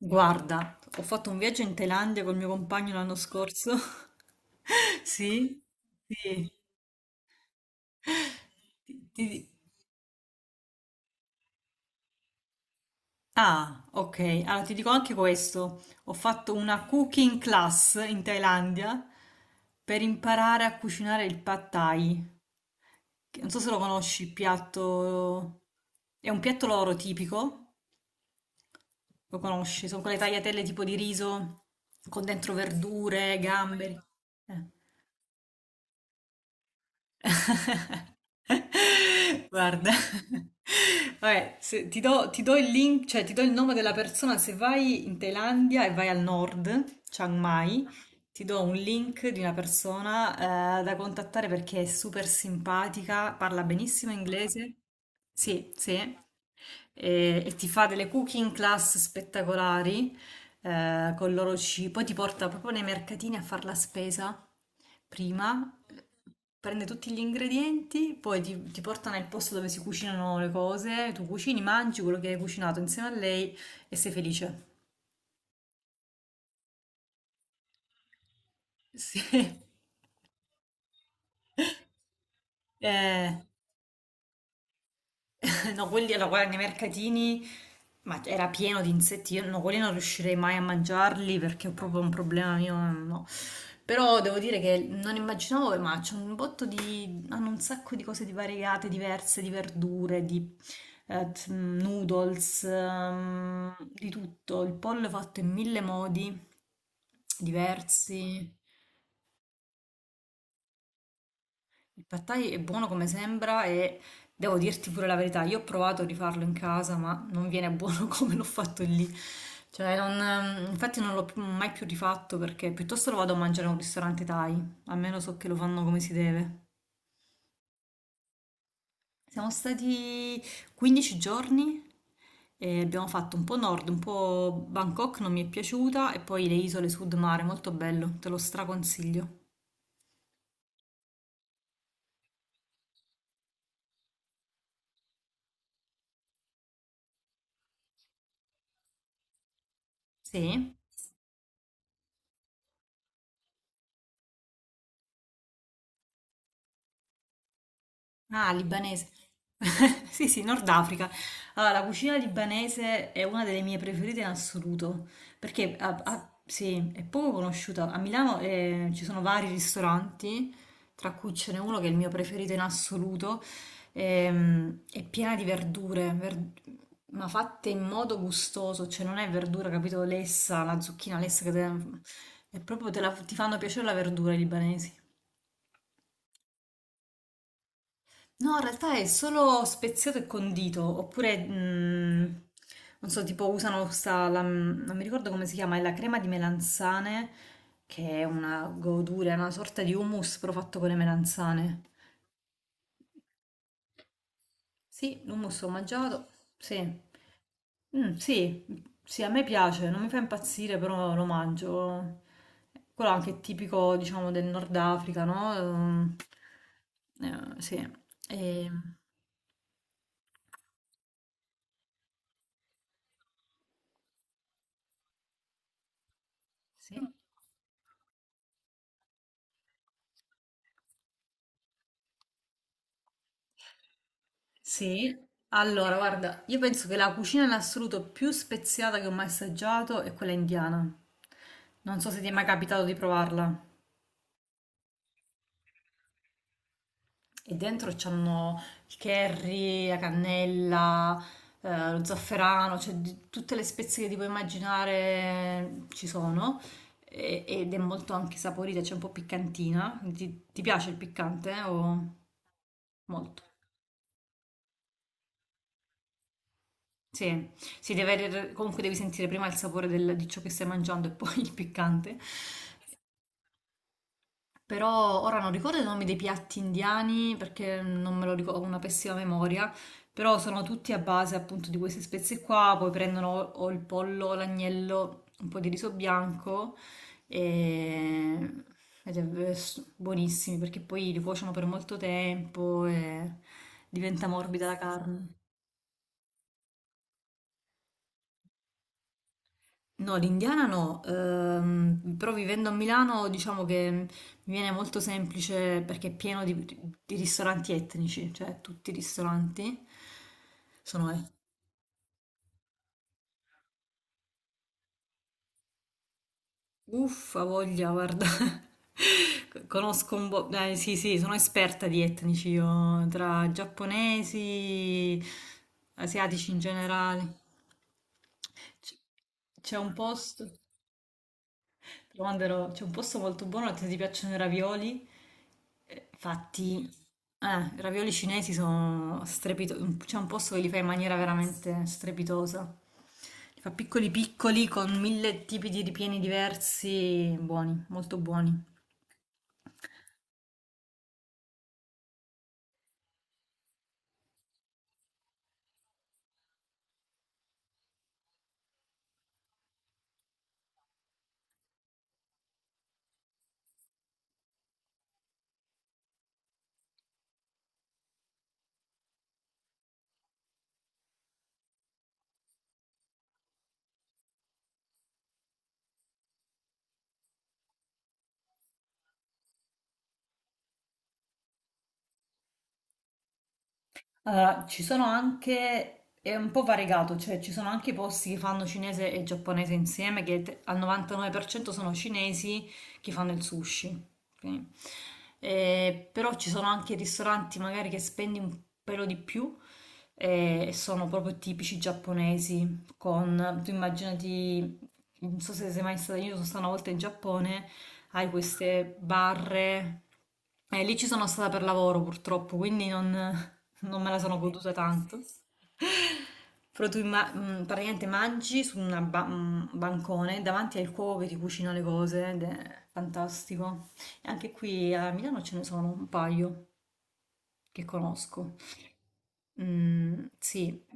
Guarda, ho fatto un viaggio in Thailandia col mio compagno l'anno scorso. Sì, sì. Ti- ti- Ah, ok. Allora ti dico anche questo. Ho fatto una cooking class in Thailandia per imparare a cucinare il pad thai. Che Non so se lo conosci, il piatto. È un piatto loro tipico, lo conosci? Sono quelle tagliatelle tipo di riso con dentro verdure, gamberi. Eh. Guarda, vabbè, ti do il link, cioè ti do il nome della persona se vai in Thailandia e vai al nord, Chiang Mai, ti do un link di una persona da contattare perché è super simpatica, parla benissimo inglese. Sì, sì. E ti fa delle cooking class spettacolari con il loro cibo. Poi ti porta proprio nei mercatini a fare la spesa prima, prende tutti gli ingredienti, poi ti porta nel posto dove si cucinano le cose. Tu cucini, mangi quello che hai cucinato insieme a lei e sei felice. Sì. Eh, no, quelli, allora, guarda, nei mercatini, ma era pieno di insetti, io no, quelli non riuscirei mai a mangiarli perché ho proprio un problema mio, no. Però devo dire che non immaginavo, ma c'è un botto di, hanno un sacco di cose di variegate, diverse, di verdure, di noodles, di tutto. Il pollo è fatto in mille modi diversi. Il pad thai è buono come sembra e devo dirti pure la verità, io ho provato a rifarlo in casa, ma non viene buono come l'ho fatto lì. Cioè, infatti non l'ho più- mai più rifatto perché piuttosto lo vado a mangiare a un ristorante thai, almeno so che lo fanno come si deve. Siamo stati 15 giorni e abbiamo fatto un po' nord, un po' Bangkok, non mi è piaciuta, e poi le isole sud mare, molto bello, te lo straconsiglio. Sì? Ah, libanese. Sì, sì, Nord Africa. Allora, la cucina libanese è una delle mie preferite in assoluto, perché sì, è poco conosciuta. A Milano ci sono vari ristoranti, tra cui ce n'è uno che è il mio preferito in assoluto, è piena di verdure, ma fatte in modo gustoso, cioè non è verdura, capito, lessa, la zucchina lessa, è proprio ti fanno piacere la verdura i libanesi. No, in realtà è solo speziato e condito, oppure, non so, tipo usano questa, non mi ricordo come si chiama, è la crema di melanzane, che è una godura, è una sorta di hummus però fatto con le melanzane. Sì, l'hummus ho mangiato, sì. Mm, sì, sì, a me piace, non mi fa impazzire, però lo mangio. Quello anche è tipico, diciamo, del Nord Africa, no? Sì. E, sì. Sì, allora guarda, io penso che la cucina in assoluto più speziata che ho mai assaggiato è quella indiana. Non so se ti è mai capitato di provarla. E dentro c'hanno il curry, la cannella, lo zafferano, tutte le spezie che ti puoi immaginare ci sono. Ed è molto anche saporita, c'è un po' piccantina. Ti piace il piccante? O molto? Sì, si deve, comunque devi sentire prima il sapore di ciò che stai mangiando e poi il piccante. Però ora non ricordo i nomi dei piatti indiani perché non me lo ricordo, ho una pessima memoria, però sono tutti a base appunto di queste spezie qua, poi prendono o il pollo, o l'agnello, un po' di riso bianco e ed è buonissimi perché poi li cuociono per molto tempo e diventa morbida la carne. No, l'indiana no, però vivendo a Milano diciamo che mi viene molto semplice perché è pieno di ristoranti etnici, cioè tutti i ristoranti sono uffa, voglia, guarda, conosco un po'. Sì, sì, sono esperta di etnici io, tra giapponesi, asiatici in generale. C- C'è un posto. Ti manderò, c'è un posto molto buono se ti piacciono i ravioli. Fatti, i ravioli cinesi sono strepitosi. C'è un posto che li fa in maniera veramente strepitosa. Li fa piccoli piccoli con mille tipi di ripieni diversi, buoni, molto buoni. Allora, ci sono anche, è un po' variegato, cioè ci sono anche i posti che fanno cinese e giapponese insieme, al 99% sono cinesi che fanno il sushi. Ok? Però ci sono anche ristoranti magari che spendi un pelo di più e sono proprio tipici giapponesi, con, tu immaginati non so se sei mai stata, io sono stata una volta in Giappone, hai queste barre, e lì ci sono stata per lavoro purtroppo, quindi non, non me la sono goduta tanto. Però praticamente mangi su un bancone davanti al cuoco che ti cucina le cose ed è fantastico. E anche qui a Milano ce ne sono un paio che conosco. Mm, sì,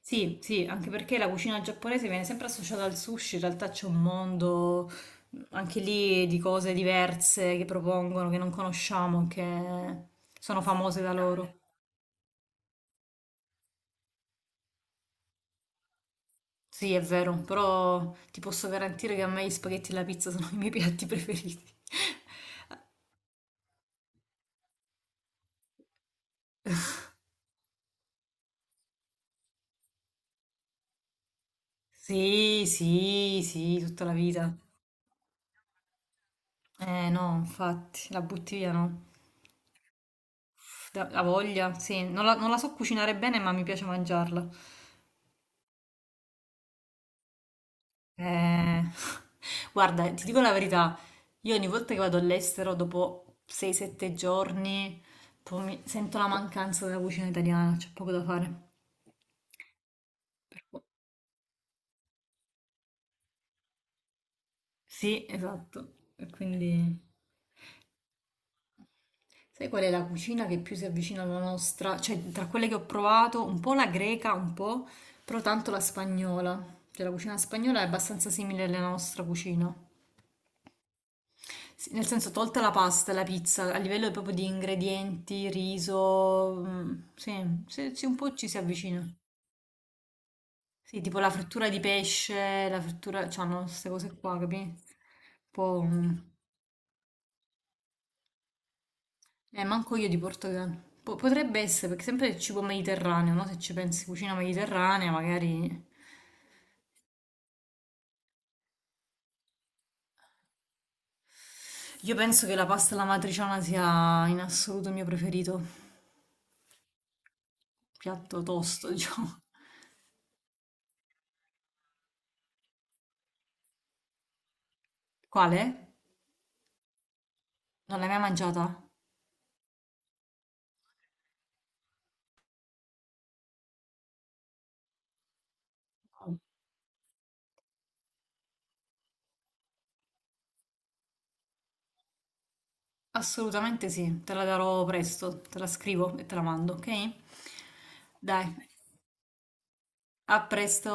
sì, sì, anche perché la cucina giapponese viene sempre associata al sushi, in realtà c'è un mondo anche lì di cose diverse che propongono, che non conosciamo, che sono famose da loro. Sì, è vero, però ti posso garantire che a me gli spaghetti e la pizza sono i miei piatti preferiti. Sì, sì, sì, tutta la vita. Eh no, infatti, la butti via no. Uff, da, la voglia, sì, non la so cucinare bene, ma mi piace mangiarla. Eh, guarda, ti dico la verità, io ogni volta che vado all'estero, dopo 6-7 giorni, sento la mancanza della cucina italiana, c'è poco da fare. Per cui- Sì, esatto. E quindi, sai qual è la cucina che più si avvicina alla nostra? Cioè, tra quelle che ho provato, un po' la greca, un po', però tanto la spagnola. Cioè, la cucina spagnola è abbastanza simile alla nostra cucina. Sì, nel senso, tolta la pasta, la pizza, a livello proprio di ingredienti, riso, mm, sì, sì, sì, un po' ci si avvicina. Sì, tipo la frittura di pesce, la frittura, c'hanno queste cose qua, capi? Un po'. Mm, eh, manco io di Portogallo. Potrebbe essere, perché sempre il cibo mediterraneo, no? Se ci pensi, cucina mediterranea, magari. Io penso che la pasta alla matriciana sia in assoluto il mio preferito. Piatto tosto, diciamo. Quale? Non l'hai mai mangiata? Assolutamente sì, te la darò presto, te la scrivo e te la mando, ok? Dai, a presto.